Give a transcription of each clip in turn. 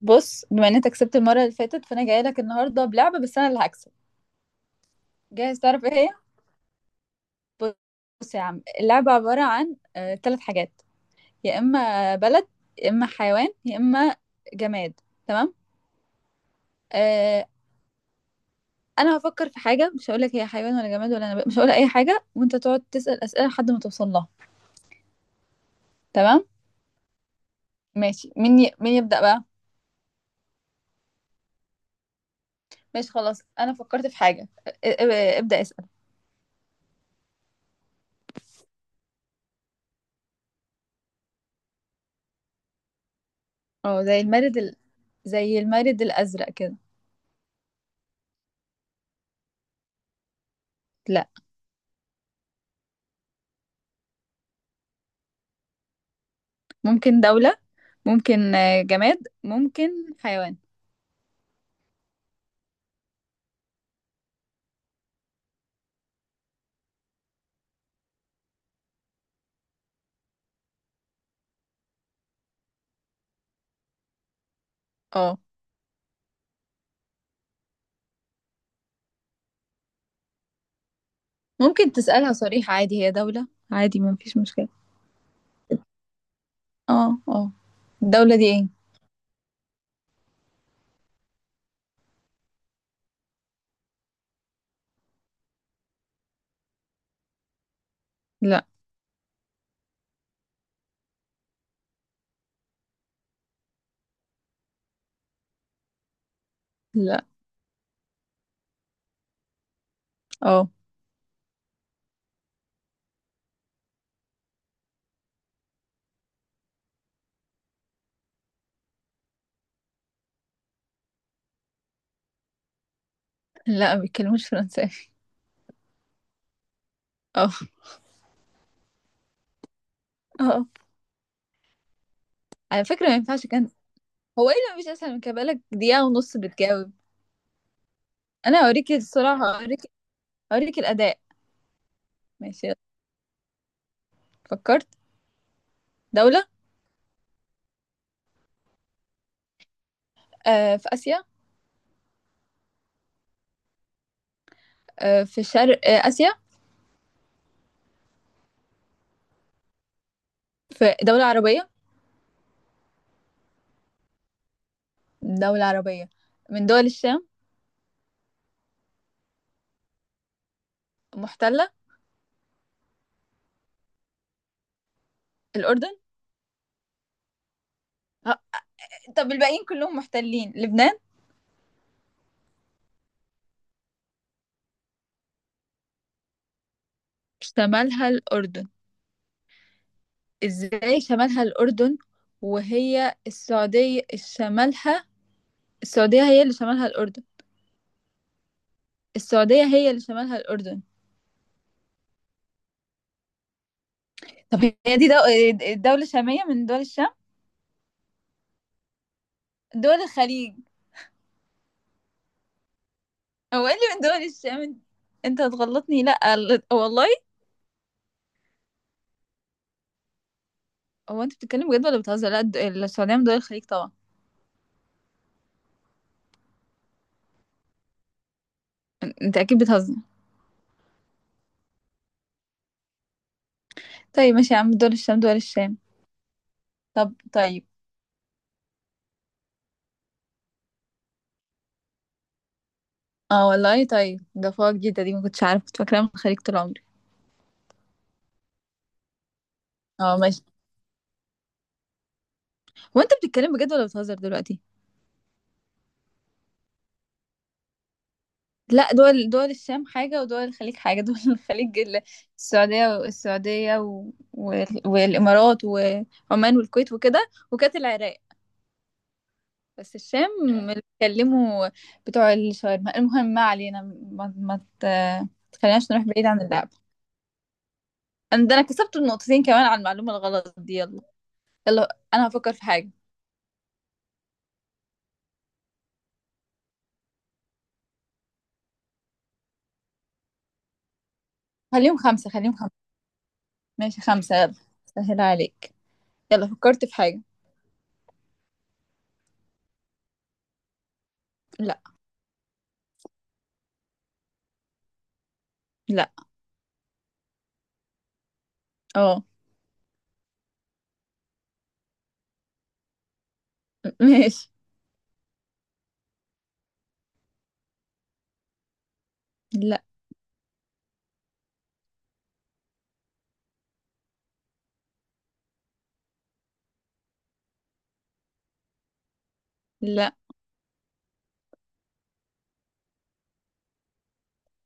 بص، بما ان انت كسبت المره اللي فاتت، فانا جايه لك النهارده بلعبه، بس انا اللي هكسب. جاهز تعرف ايه هي؟ بص يا عم، اللعبه عباره عن ثلاث حاجات: يا اما بلد، يا اما حيوان، يا اما جماد. تمام؟ آه. انا هفكر في حاجه، مش هقول لك هي حيوان ولا جماد ولا نبات، مش هقول اي حاجه، وانت تقعد تسال اسئله لحد ما توصل لها. تمام. ماشي، مين يبدا بقى؟ ماشي خلاص، انا فكرت في حاجه، ابدا اسال. اه، زي المارد الازرق كده. لا. ممكن دوله، ممكن جماد، ممكن حيوان. اه. ممكن تسألها صريح عادي، هي دولة عادي، ما فيش مشكلة. اه، اه. الدولة دي ايه؟ لا. لا. اه. لا. ما بيتكلموش فرنساوي. اه. اه. آه. على فكرة ما ينفعش كان. هو ايه اللي مش اسهل من كده بقالك دقيقة ونص بتجاوب؟ انا اوريك الصراحة، اوريك، اوريك الأداء. ماشي. فكرت. دولة. في آسيا. في شرق آسيا. في دولة عربية. دولة عربية من دول الشام. محتلة. الأردن. آه. طب الباقيين كلهم محتلين، لبنان؟ شمالها الأردن. إزاي شمالها الأردن وهي السعودية شمالها؟ السعودية هي اللي شمالها الأردن. السعودية هي اللي شمالها الأردن. طب هي دي دو... دولة شامية من دول الشام. دول الخليج. هو إيه اللي من دول الشام؟ انت هتغلطني، لا والله. هو أنت بتتكلم بجد ولا بتهزر؟ لا، السعودية من دول الخليج طبعا. أنت أكيد بتهزر. طيب ماشي يا عم، دول الشام دول الشام. طب طيب. اه والله، طيب ده فوق جديدة دي، ما كنتش عارفة، كنت فاكراها من الخليج طول عمري. اه ماشي. هو انت بتتكلم بجد ولا بتهزر دلوقتي؟ لا، دول دول الشام حاجة، ودول الخليج حاجة. دول الخليج السعودية والإمارات وعمان والكويت وكده، وكانت العراق. بس الشام اللي بيتكلموا بتوع الشاورما. المهم ما علينا. ما, ما ت... تخليناش نروح بعيد عن اللعب. ده انا كسبت النقطتين كمان على المعلومة الغلط دي. يلا. يلا انا هفكر في حاجة. خليهم خمسة، خليهم خمسة. ماشي، خمسة، يلا. سهل عليك. يلا فكرت في حاجة. لا. لا. اه ماشي. لا. لا.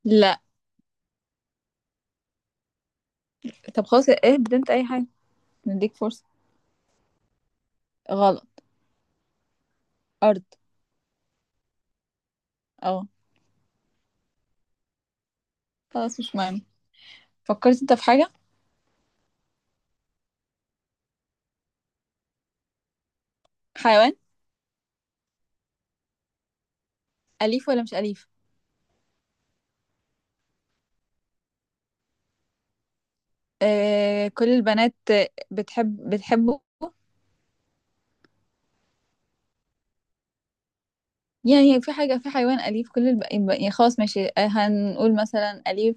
لا. طب خلاص، ايه انت اي حاجة، نديك فرصة. غلط. ارض. اه. خلاص مش مهم. فكرت انت في حاجة. حيوان. أليف ولا مش أليف؟ آه، كل البنات بتحبه. يعني في حاجة، في حيوان أليف، يعني خلاص ماشي، هنقول مثلا أليف.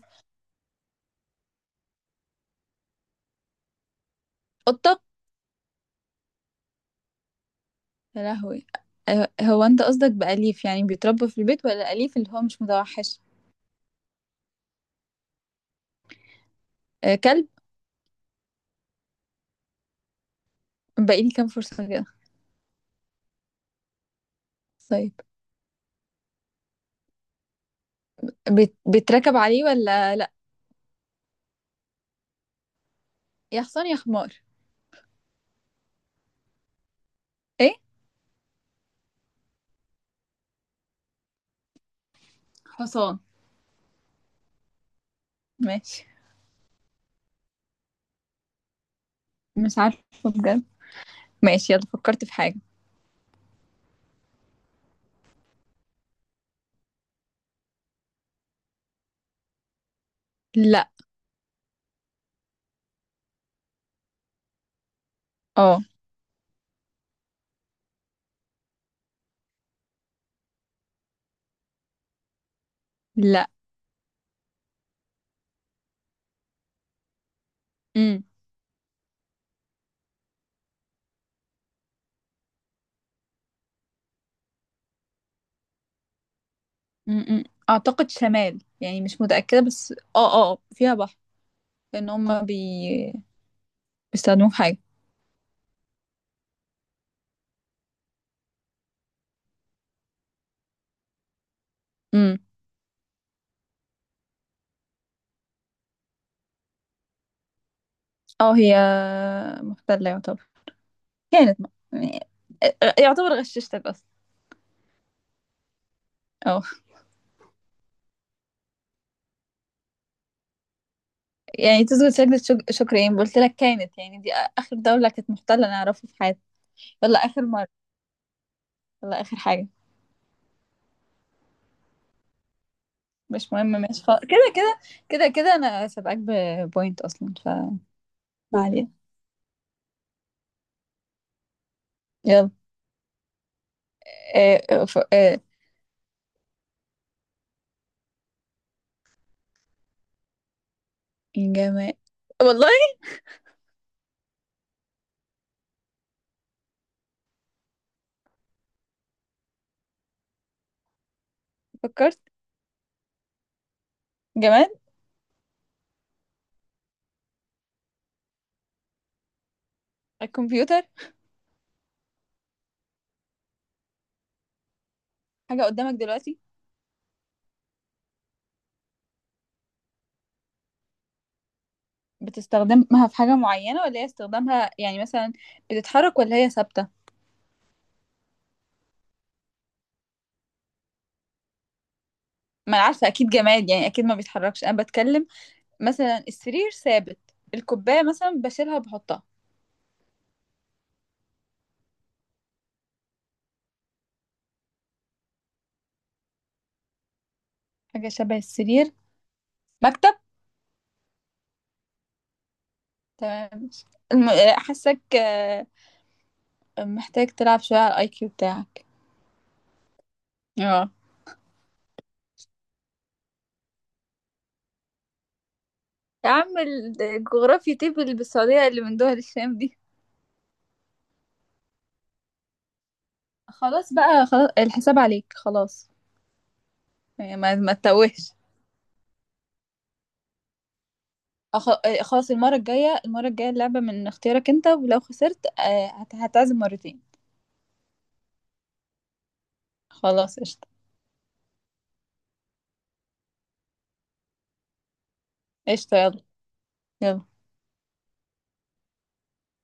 قطة. يا لهوي. هو انت قصدك بأليف يعني بيتربى في البيت، ولا أليف اللي هو مش متوحش؟ آه، كلب. باقي لي كام فرصة كده؟ طيب، بتركب عليه ولا لا؟ يا حصان يا حمار. ايه. حصان. ماشي. مش عارفة، بجد. ماشي يلا فكرت في حاجة. لا. اه. لا. امم. امم اعتقد شمال يعني، مش متأكدة، بس فيها بحر. لان بيستخدموه في حاجة. امم. اه هي محتلة يعتبر، كانت م... يعني- آه، آه، يعتبر غششتك اصلا. اه. يعني تسجد سجدة شكر؟ ايه قلت لك، كانت يعني دي اخر دولة كانت محتلة انا اعرفها في حياتي. يلا اخر مره. يلا اخر حاجه. مش مهم ماشي خلاص، كده كده. كده كده انا سابقاك ببوينت اصلا، ما علينا يلا. آه آه ف... آه جماد والله. فكرت. جماد. الكمبيوتر. حاجه قدامك دلوقتي. بتستخدمها في حاجه معينه، ولا هي استخدامها يعني مثلا بتتحرك ولا هي ثابته؟ ما انا عارفه اكيد جماد، يعني اكيد ما بيتحركش، انا بتكلم مثلا السرير ثابت، الكوبايه مثلا بشيلها بحطها. حاجه شبه السرير. مكتب. تمام. حاسك محتاج تلعب شوية على الاي كيو بتاعك. اه. يا عم الجغرافيا؟ طب اللي بالسعودية اللي من دول الشام دي. خلاص بقى، خلاص الحساب عليك خلاص. يعني ما تتوهش. أخ- خلاص، المرة الجاية، المرة الجاية اللعبة من اختيارك انت، ولو خسرت هتعزم مرتين. خلاص قشطة. قشطة يلا. يلا.